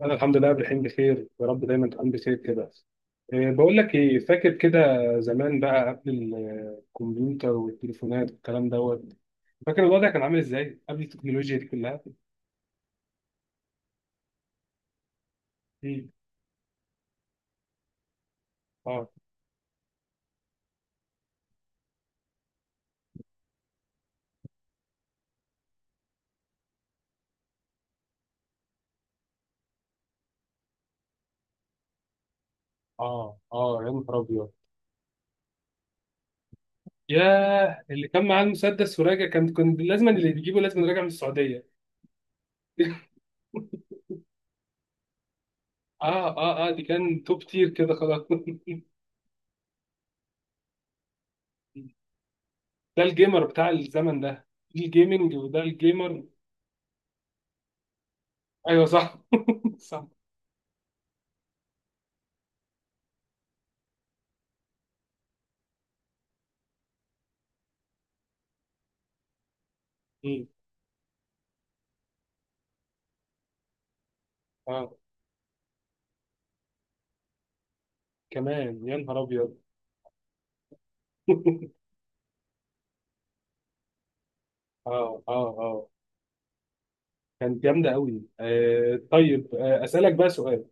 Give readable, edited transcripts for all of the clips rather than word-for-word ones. انا الحمد لله قبل الحين بخير. يا رب دايما تكون بخير كده. إيه، بقول لك ايه، فاكر كده زمان بقى قبل الكمبيوتر والتليفونات والكلام دوت؟ فاكر الوضع كان عامل ازاي قبل التكنولوجيا دي كلها؟ مم. اه، اه، اه، يا نهار ابيض. ياه، اللي كان معاه المسدس وراجع، كان لازم اللي بيجيبه لازم راجع من السعوديه. اه، اه، اه، دي كان توب تير كده خلاص. ده الجيمر بتاع الزمن ده. دي الجيمنج وده الجيمر. ايوه صح. صح. مم. اه، كمان يا نهار ابيض. اه، اه، اه، كانت جامده قوي. آه طيب، آه اسالك بقى سؤال.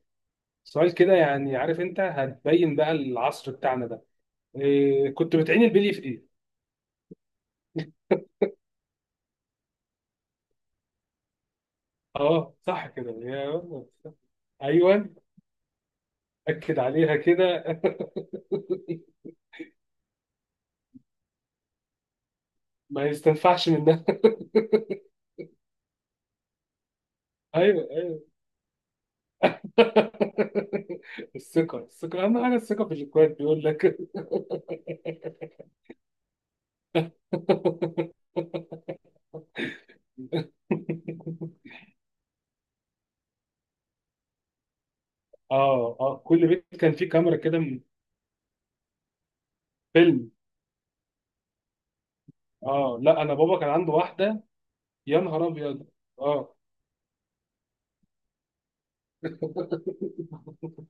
سؤال كده، يعني عارف انت هتبين بقى العصر بتاعنا ده. آه، كنت بتعين البلي في ايه؟ اه صح كده يا ولد. ايوه. اكد عليها كده. ما يستنفعش منها. ايوه، ايوه. الثقه، الثقه اهم حاجه، الثقه في الاخوات بيقول لك. اه، اه، كل بيت كان فيه كاميرا كده من فيلم. اه، لا انا بابا كان عنده واحده. يا نهار ابيض. اه.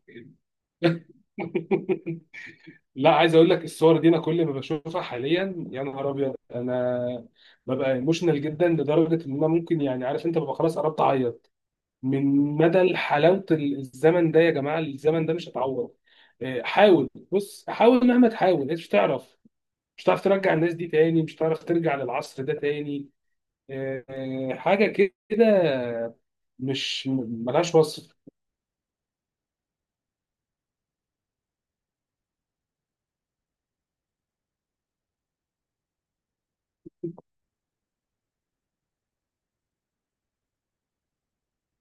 لا، عايز اقول لك، الصور دي انا كل ما بشوفها حاليا، يا نهار ابيض، انا ببقى ايموشنال جدا لدرجه ان انا ممكن، يعني عارف انت، ببقى خلاص قربت اعيط من مدى حلاوه الزمن ده. يا جماعه، الزمن ده مش هتعوض. آه، حاول، بص حاول، مهما تحاول انت مش هتعرف. مش هتعرف ترجع الناس دي تاني، مش هتعرف ترجع للعصر ده تاني. آه، حاجه كده مش ملهاش وصف.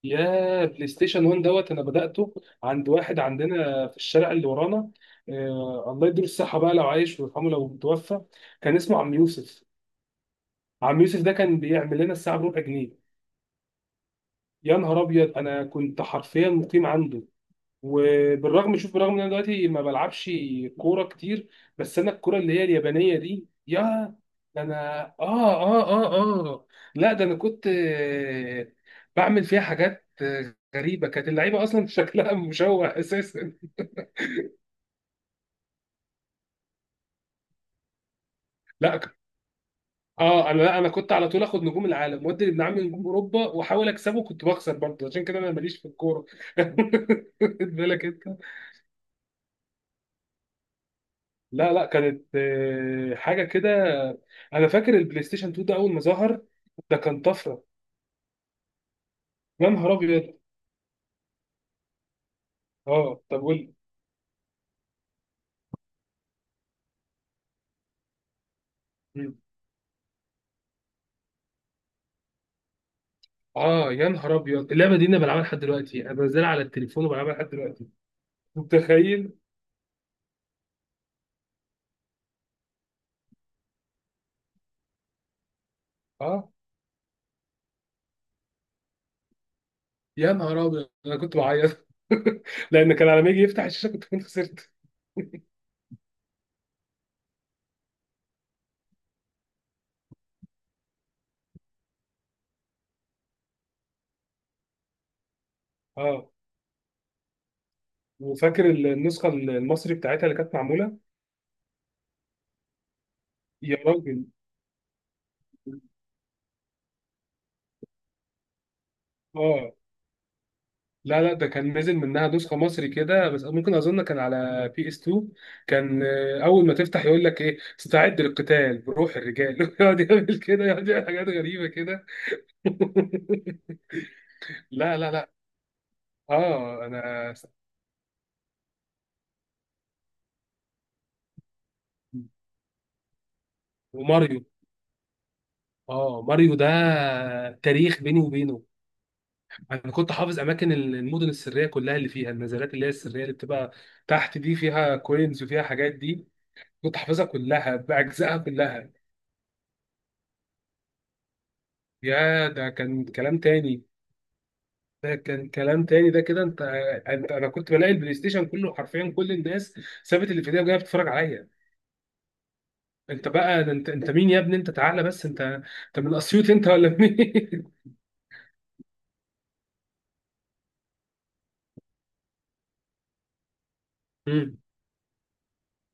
يا بلاي ستيشن 1 دوت، انا بداته عند واحد عندنا في الشارع اللي ورانا. آه، الله يديله الصحه بقى لو عايش، ويرحمه لو متوفى. كان اسمه عم يوسف. عم يوسف ده كان بيعمل لنا الساعه بربع جنيه. يا نهار ابيض، انا كنت حرفيا مقيم عنده. وبالرغم، شوف، بالرغم ان انا دلوقتي ما بلعبش كوره كتير، بس انا الكوره اللي هي اليابانيه دي يا ده انا، اه، اه، اه. اه. لا ده انا كنت بعمل فيها حاجات غريبه. كانت اللعيبه اصلا شكلها مشوه اساسا. لا ك- اه انا، لا، انا كنت على طول اخد نجوم العالم، وادي ابن عمي نجوم اوروبا، واحاول اكسبه. كنت بخسر برضه، عشان كده انا ماليش في الكوره. خد بالك انت. لا لا، كانت حاجه كده. انا فاكر البلاي ستيشن 2 ده اول ما ظهر، ده كان طفره. يا نهار ابيض. اه، طب قول لي. مم. اه يا نهار ابيض، اللعبه دي انا بلعبها لحد دلوقتي، انا بنزلها على التليفون وبلعبها لحد دلوقتي. متخيل؟ اه، يا نهار ابيض انا كنت بعيط، لان كان على ما يجي يفتح الشاشه كنت خسرت. اه. وفاكر النسخه المصري بتاعتها اللي كانت معموله؟ يا راجل. اه. لا لا، ده كان نزل منها نسخة مصري كده، بس ممكن أظن كان على بي اس 2. كان أول ما تفتح يقول لك إيه، استعد للقتال بروح الرجال. يقعد يعمل كده، يقعد يعمل حاجات غريبة كده. لا لا لا. آه أنا. وماريو. آه، ماريو ده تاريخ بيني وبينه. أنا كنت حافظ أماكن المدن السرية كلها، اللي فيها النزلات اللي هي السرية اللي بتبقى تحت، دي فيها كوينز وفيها حاجات دي. كنت حافظها كلها بأجزائها كلها. يا، ده كان كلام تاني. ده كان كلام تاني. ده كده انت، انا كنت بلاقي البلاي ستيشن كله حرفيا، كل الناس سابت اللي في ايديها وجايه بتتفرج عليا. انت بقى ده، انت مين يا ابني؟ انت تعالى بس. انت من اسيوط انت ولا مين؟ مم.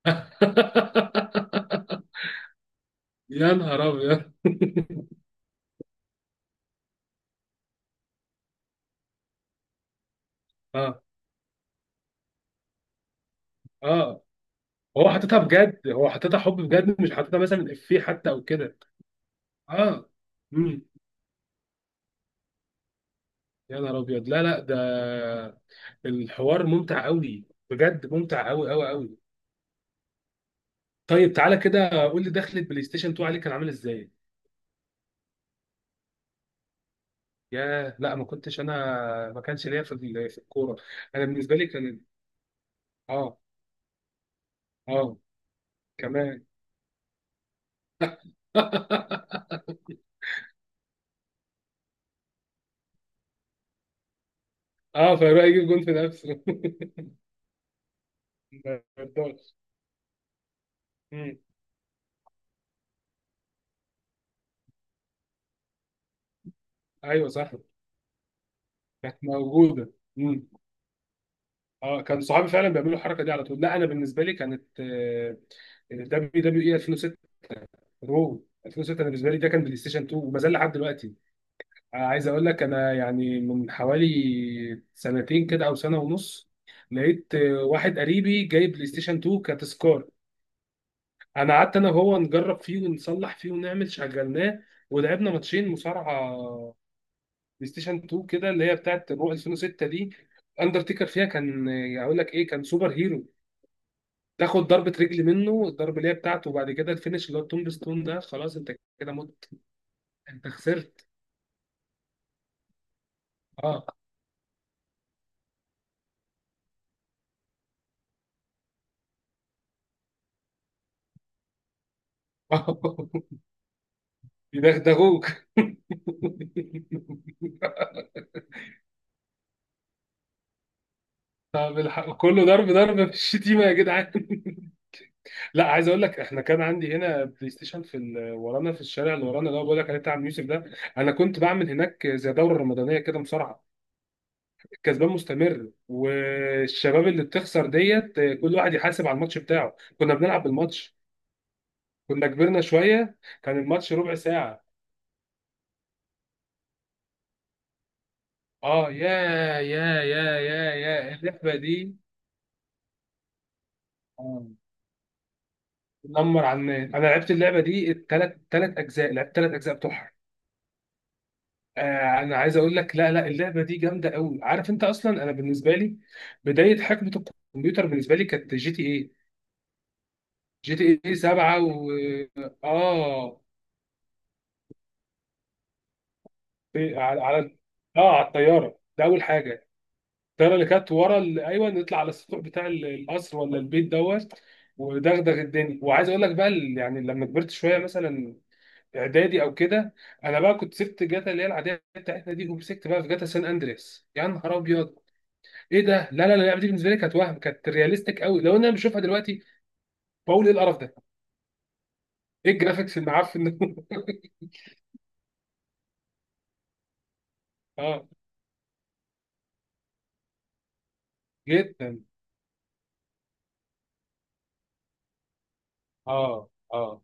يا نهار ابيض. اه، اه، هو حاططها بجد، هو حاططها حب بجد، مش حاططها مثلا افيه حتى او كده. اه. امم يا نهار ابيض، لا لا، ده الحوار ممتع قوي، بجد ممتع قوي قوي قوي. طيب تعالى كده قول لي، دخلة بلاي ستيشن 2 عليك كان عامل ازاي؟ ياه، لا ما كنتش انا. ما كانش ليا في في الكوره. انا بالنسبه لي كان، اه. اه. كمان. اه، فيروح يجيب جون في نفسه. ما يرضاش. مم. ايوه صح. كانت موجوده. مم. اه، كان صحابي فعلا بيعملوا الحركه دي على طول. لا انا بالنسبه لي كانت دبليو دبليو اي 2006، رو 2006. انا بالنسبه لي ده كان بلاي ستيشن 2 وما زال لحد دلوقتي. عايز اقول لك انا، يعني من حوالي سنتين كده او سنه ونص، لقيت واحد قريبي جايب بلاي ستيشن 2 كتذكار. انا قعدت انا وهو نجرب فيه ونصلح فيه ونعمل شغلناه، ولعبنا ماتشين مصارعه بلاي ستيشن 2 كده، اللي هي بتاعت رو 2006 دي. اندرتيكر فيها كان، اقول لك ايه، كان سوبر هيرو. تاخد ضربة رجل منه، الضربة اللي هي بتاعته، وبعد كده الفينش اللي هو التومب ستون ده، خلاص، انت كده مت، انت خسرت. اه. يدغدغوك. طب الحق كله، ضرب ضرب في الشتيمه يا جدعان. لا عايز اقول لك، احنا كان عندي هنا بلاي ستيشن في ورانا، في الشارع اللي ورانا اللي هو بقول لك عليه بتاع عم يوسف ده. انا كنت بعمل هناك زي دوره رمضانيه كده مصارعه، الكسبان مستمر والشباب اللي بتخسر ديت. كل واحد يحاسب على الماتش بتاعه، كنا بنلعب بالماتش. كنا كبرنا شويه، كان الماتش ربع ساعه. اه، يا اللعبه دي. آه. نمر على الناس. انا لعبت اللعبه دي، الثلاث اجزاء، لعبت ثلاث اجزاء بتوعها. آه انا عايز اقول لك، لا لا، اللعبه دي جامده قوي. عارف انت اصلا، انا بالنسبه لي بدايه حقبه الكمبيوتر بالنسبه لي كانت جي تي ايه 7 و، اه، على اه، على الطياره ده اول حاجه. الطياره اللي كانت ورا ال، ايوه نطلع على السطوح بتاع القصر ولا البيت دوت، ودغدغ الدنيا. وعايز اقول لك بقى يعني لما كبرت شويه مثلا اعدادي او كده، انا بقى كنت سبت جاتا اللي هي العاديه بتاعتنا دي، ومسكت بقى في جاتا سان اندريس. يا نهار ابيض، ايه ده، لا لا لا، اللعبه دي بالنسبه لي كانت وهم، كانت رياليستيك قوي، لو إن انا بشوفها دلوقتي بقول ايه القرف ده، ايه الجرافيكس المعفن ده؟ اه. جدا. اه، اه.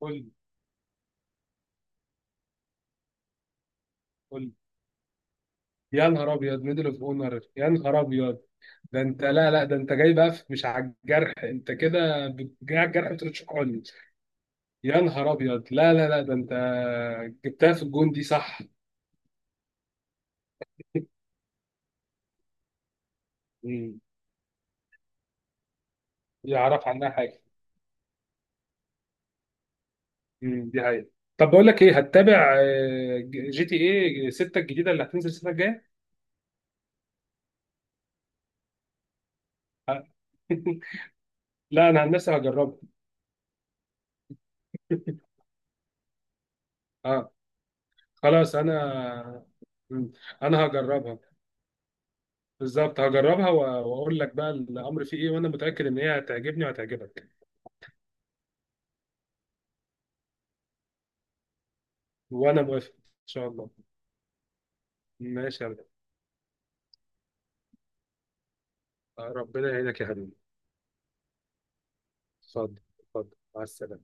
قول. قول. يا نهار ابيض، ميدل اوف اونر. يا نهار ابيض، ده انت، لا لا، ده انت جاي بقى مش على الجرح، انت كده جاي على الجرح بترشقني. يا نهار ابيض، لا لا لا، ده انت جبتها في الجون دي صح. يعرف عنها حاجه. دي حقيقة. طب بقول لك ايه، هتتابع جي تي ايه 6 الجديده اللي هتنزل السنه الجايه؟ آه. لا انا عن نفسي هجربها. اه خلاص، انا. مم. انا هجربها بالظبط، واقول لك بقى الامر فيه ايه، وانا متاكد ان هي هتعجبني وهتعجبك. وانا موافق ان شاء الله. ماشي يا عبد. آه، ربنا يعينك يا حبيبي. اتفضل، اتفضل، مع السلامه.